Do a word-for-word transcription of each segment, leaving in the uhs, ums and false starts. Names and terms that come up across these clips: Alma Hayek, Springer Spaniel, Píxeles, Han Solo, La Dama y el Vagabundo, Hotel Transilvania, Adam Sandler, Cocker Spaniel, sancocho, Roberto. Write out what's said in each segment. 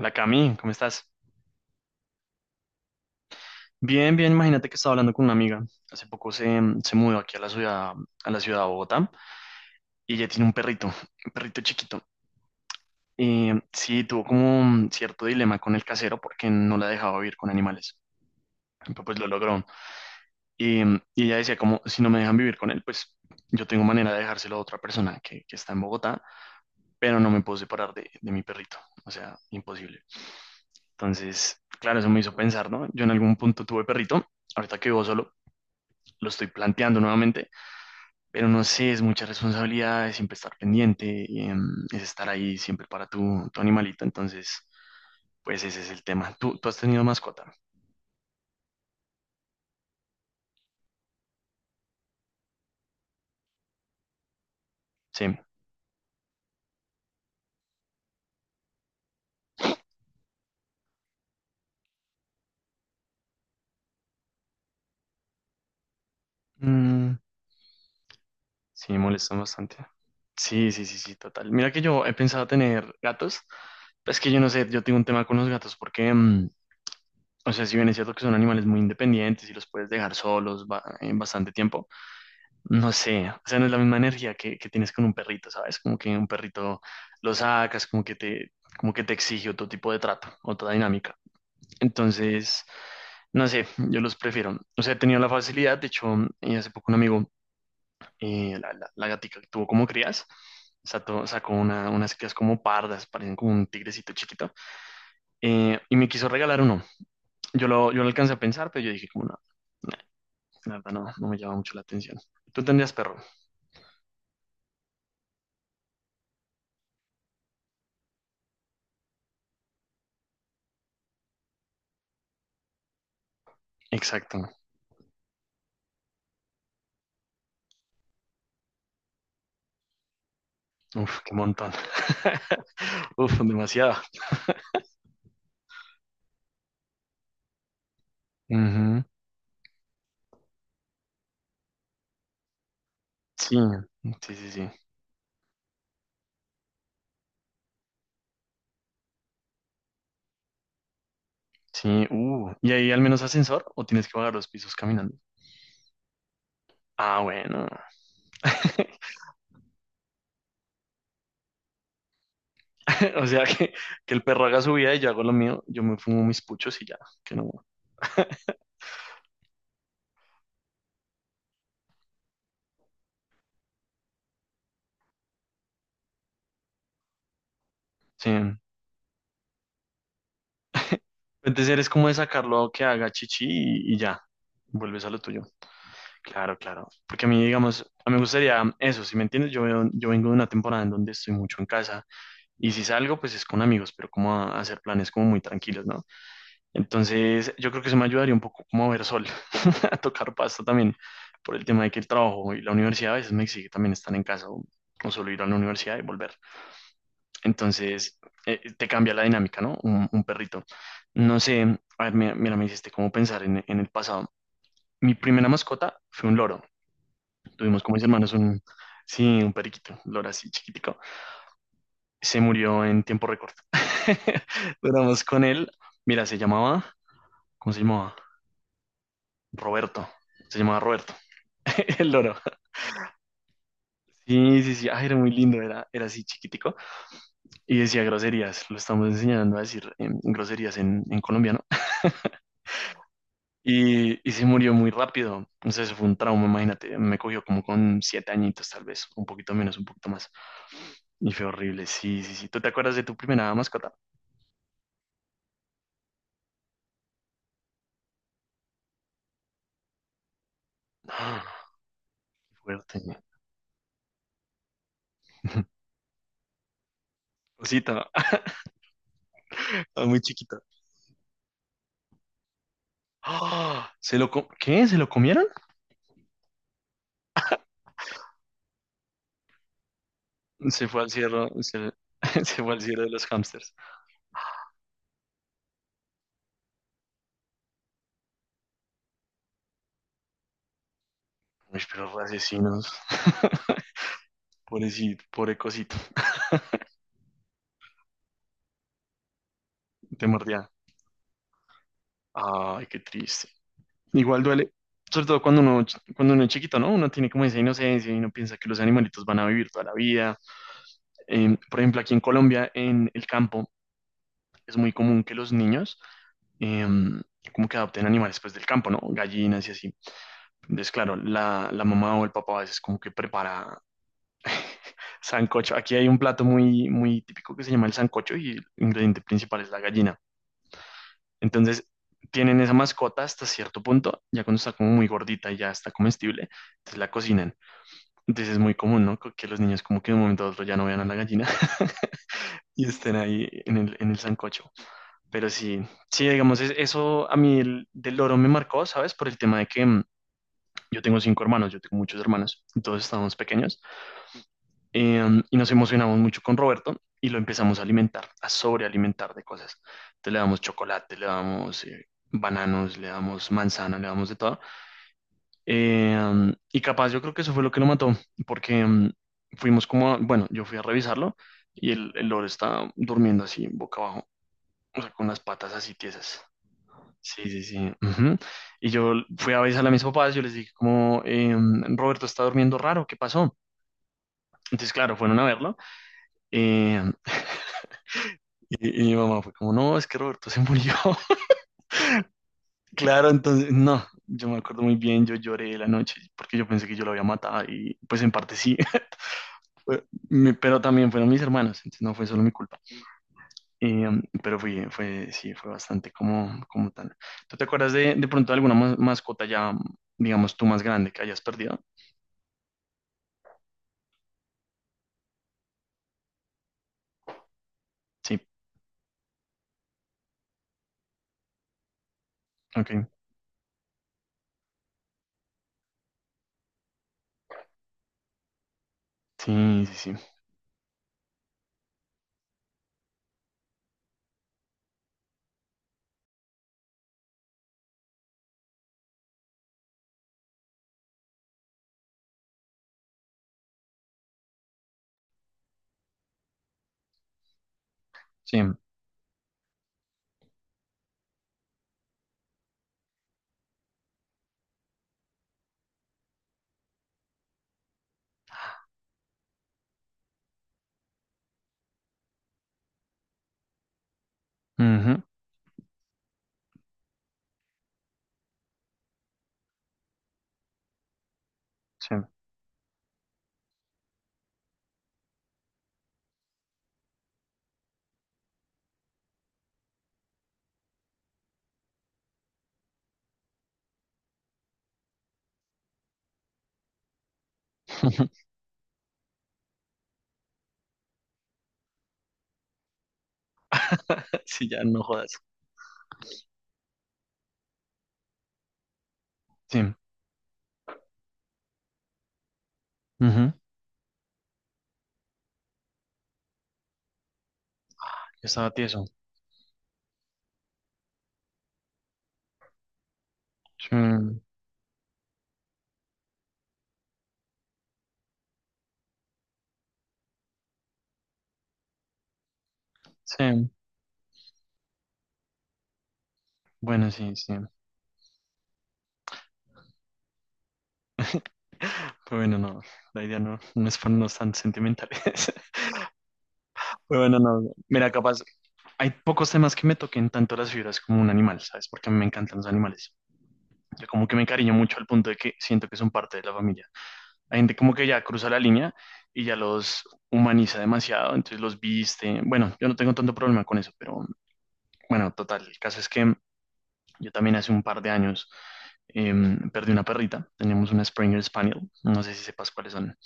La Cami, ¿cómo estás? Bien, bien, imagínate que estaba hablando con una amiga. Hace poco se, se mudó aquí a la ciudad, a la ciudad de Bogotá y ella tiene un perrito, un perrito chiquito. Y sí, tuvo como un cierto dilema con el casero porque no la dejaba vivir con animales. Pero pues lo logró. Y, y ella decía como, si no me dejan vivir con él, pues yo tengo manera de dejárselo a otra persona que, que está en Bogotá, pero no me puedo separar de, de mi perrito. O sea, imposible. Entonces, claro, eso me hizo pensar, ¿no? Yo en algún punto tuve perrito. Ahorita que vivo solo, lo estoy planteando nuevamente, pero no sé, es mucha responsabilidad, es siempre estar pendiente, eh, es estar ahí siempre para tu, tu animalito, entonces, pues ese es el tema. ¿Tú, tú has tenido mascota? Sí. Mm, sí, me molestan bastante. Sí, sí, sí, sí, total. Mira que yo he pensado tener gatos, pero es que yo no sé, yo tengo un tema con los gatos porque, mm, o sea, si bien es cierto que son animales muy independientes y los puedes dejar solos ba- en bastante tiempo. No sé, o sea, no es la misma energía que, que tienes con un perrito, ¿sabes? Como que un perrito lo sacas, como que te, como que te exige otro tipo de trato, otra dinámica. Entonces, no sé, yo los prefiero. O sea, he tenido la facilidad, de hecho, eh, hace poco un amigo, eh, la, la, la gatica que tuvo como crías, sato- sacó una, unas crías como pardas, parecen como un tigrecito chiquito, eh, y me quiso regalar uno. Yo lo, yo lo alcancé a pensar, pero yo dije como, no, no, la verdad no, no me llama mucho la atención. Tú tendrías perro. Exacto. Uf, qué montón. Uf, demasiado. Ujú. Sí, sí, sí, sí. Sí, uh. ¿Y ahí al menos ascensor o tienes que bajar los pisos caminando? Ah, bueno. O sea, que, que el perro haga su vida y yo hago lo mío. Yo me fumo mis puchos y ya, que no. Sí. Entonces eres como de sacarlo que haga chichi y, y ya. Vuelves a lo tuyo. Claro, claro. Porque a mí, digamos, a mí me gustaría eso, si me entiendes, yo, veo- yo vengo de una temporada en donde estoy mucho en casa. Y si salgo, pues es con amigos, pero como a, a hacer planes como muy tranquilos, ¿no? Entonces, yo creo que eso me ayudaría un poco como a ver sol, a tocar pasto también, por el tema de que el trabajo y la universidad a veces me exige también estar en casa o, o solo ir a la universidad y volver. Entonces, eh, te cambia la dinámica, ¿no? Un, un perrito. No sé, a ver, mira, mira, me hiciste como pensar en, en el pasado. Mi primera mascota fue un loro. Tuvimos con mis hermanos un, sí, un periquito, un loro así chiquitico. Se murió en tiempo récord. Duramos con él. Mira, se llamaba, ¿cómo se llamaba? Roberto. Se llamaba Roberto, el loro. Sí, sí, sí. Ah, era muy lindo, era, era así chiquitico. Y decía groserías. Lo estamos enseñando a decir em, groserías en, en colombiano. Y, y se murió muy rápido. Entonces fue un trauma, imagínate. Me cogió como con siete añitos, tal vez. Un poquito menos, un poquito más. Y fue horrible. Sí, sí, sí. ¿Tú te acuerdas de tu primera mascota? Ah, fuerte. Cosita, ah, muy chiquita. ¡Ah! ¿Se lo co- ¿Qué? ¿Se lo comieron? Se fue al cielo, se, se fue al cielo de los hámsters. Uy, pero asesinos. Pobrecito, pobre cosito, te mordía. Ay, qué triste. Igual duele, sobre todo cuando uno, cuando uno es chiquito, ¿no? Uno tiene como esa inocencia y uno piensa que los animalitos van a vivir toda la vida. Em, por ejemplo, aquí en Colombia, en el campo, es muy común que los niños em, como que adopten animales pues del campo, ¿no? Gallinas y así. Entonces, claro, la, la mamá o el papá a veces como que prepara sancocho. Aquí hay un plato muy, muy típico que se llama el sancocho y el ingrediente principal es la gallina. Entonces, tienen esa mascota hasta cierto punto, ya cuando está como muy gordita y ya está comestible, entonces la cocinan. Entonces es muy común, ¿no? Que los niños como que de un momento a otro ya no vean a la gallina y estén ahí en el, en el sancocho. Pero sí, sí, digamos, es- eso a mí el- del loro me marcó, ¿sabes? Por el tema de que mm, yo tengo cinco hermanos, yo tengo muchos hermanos, todos estábamos pequeños. Em, y nos emocionamos mucho con Roberto y lo empezamos a alimentar, a sobrealimentar de cosas. Entonces le damos chocolate, le damos eh, bananos, le damos manzana, le damos de todo. Em, y capaz yo creo que eso fue lo que lo mató, porque em, fuimos como, a- bueno, yo fui a revisarlo y el, el loro estaba durmiendo así, boca abajo, o sea, con las patas así tiesas. Sí, sí, sí. Ujú. Y yo fui a avisar a mis papás, yo les dije como, em, Roberto está durmiendo raro, ¿qué pasó? Entonces, claro, fueron a verlo. Eh, Y, y mi mamá fue como, no, es que Roberto se murió. Claro, entonces, no, yo me acuerdo muy bien, yo lloré la noche porque yo pensé que yo lo había matado y pues en parte sí. Fue- me- pero también fueron mis hermanos, entonces no fue solo mi culpa. Y, um, pero fui, fue, sí, fue bastante como, como tal. ¿Tú te acuerdas de, de pronto alguna ma- mascota ya, digamos, tú más grande que hayas perdido? Sí, ok. Sí, sí, sí. Sí. Ujú. Sí. Sí, ya no jodas. Sí. Ujú. Yo estaba tieso. Sí. Sí. Bueno, sí, sí. Pero bueno, no, la idea no, no es ponernos tan sentimentales. Pero bueno, no, mira, capaz, hay pocos temas que me toquen tanto las fibras como un animal, ¿sabes? Porque a mí me encantan los animales. Yo como que me encariño mucho al punto de que siento que son parte de la familia. Hay gente como que ya cruza la línea y ya los humaniza demasiado, entonces los viste. Bueno, yo no tengo tanto problema con eso, pero bueno, total, el caso es que yo también hace un par de años em, perdí una perrita, teníamos una Springer Spaniel, no sé si sepas cuáles son.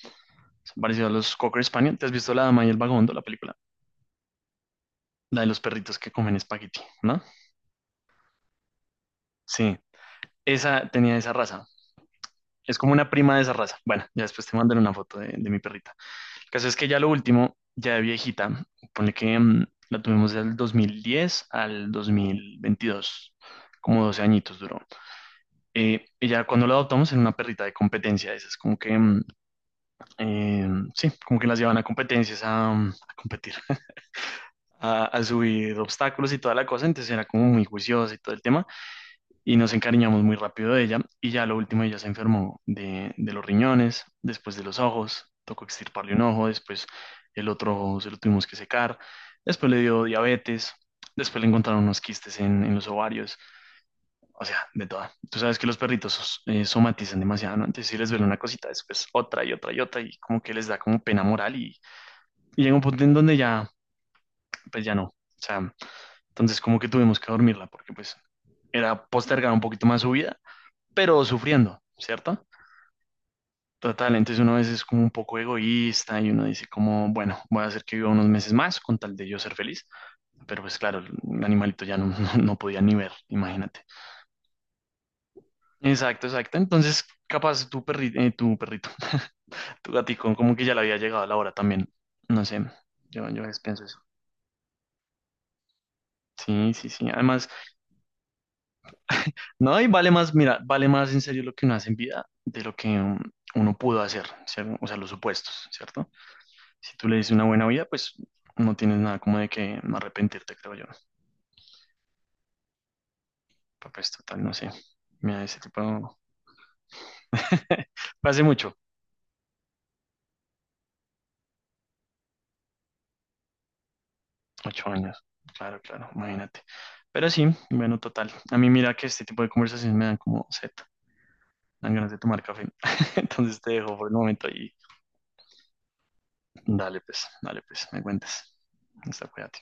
Son parecidos a los Cocker Spaniel. ¿Te has visto La Dama y el Vagabundo, la película? La de los perritos que comen espagueti, ¿no? Sí, esa tenía esa raza. Es como una prima de esa raza. Bueno, ya después te mandaré una foto de, de mi perrita. El caso es que ya lo último, ya de viejita, ponle que mm, la tuvimos del dos mil diez al dos mil veintidós, como doce añitos duró. Eh, y ya cuando la adoptamos en una perrita de competencia, esas como que, mm, eh, sí, como que las llevan a competencias a, mm, a competir, a, a subir obstáculos y toda la cosa, entonces era como muy juiciosa y todo el tema, y nos encariñamos muy rápido de ella, y ya lo último ella se enfermó de, de los riñones, después de los ojos, tocó extirparle un ojo, después el otro ojo se lo tuvimos que secar, después le dio diabetes, después le encontraron unos quistes en, en los ovarios, o sea, de toda. Tú sabes que los perritos eh, somatizan demasiado, ¿no? Entonces si les duele una cosita, después otra y otra y otra, y como que les da como pena moral, y, y llega un punto en donde ya, pues ya no. O sea, entonces como que tuvimos que dormirla porque pues era postergar un poquito más su vida, pero sufriendo, ¿cierto? Total, entonces uno a veces es como un poco egoísta y uno dice como, bueno, voy a hacer que viva unos meses más con tal de yo ser feliz, pero pues claro, el animalito ya no, no, no podía ni ver, imagínate. Exacto, exacto. Entonces, capaz tu perrito, tu perrito, tu gatico, como que ya le había llegado la hora también. No sé, yo, yo a veces pienso eso. Sí, sí, sí. Además, no, y vale más, mira, vale más en serio lo que uno hace en vida de lo que um, uno pudo hacer, ¿cierto? O sea, los supuestos, ¿cierto? Si tú le dices una buena vida, pues no tienes nada como de que arrepentirte, creo yo. Pero, pues total, no sé. Mira, ese tipo... Fue hace mucho, ocho años. Claro, claro, imagínate. Pero sí, bueno, total. A mí mira que este tipo de conversaciones me dan como sed, dan ganas de tomar café. Entonces te dejo por el momento y dale pues, dale pues, me cuentas. Hasta, cuídate.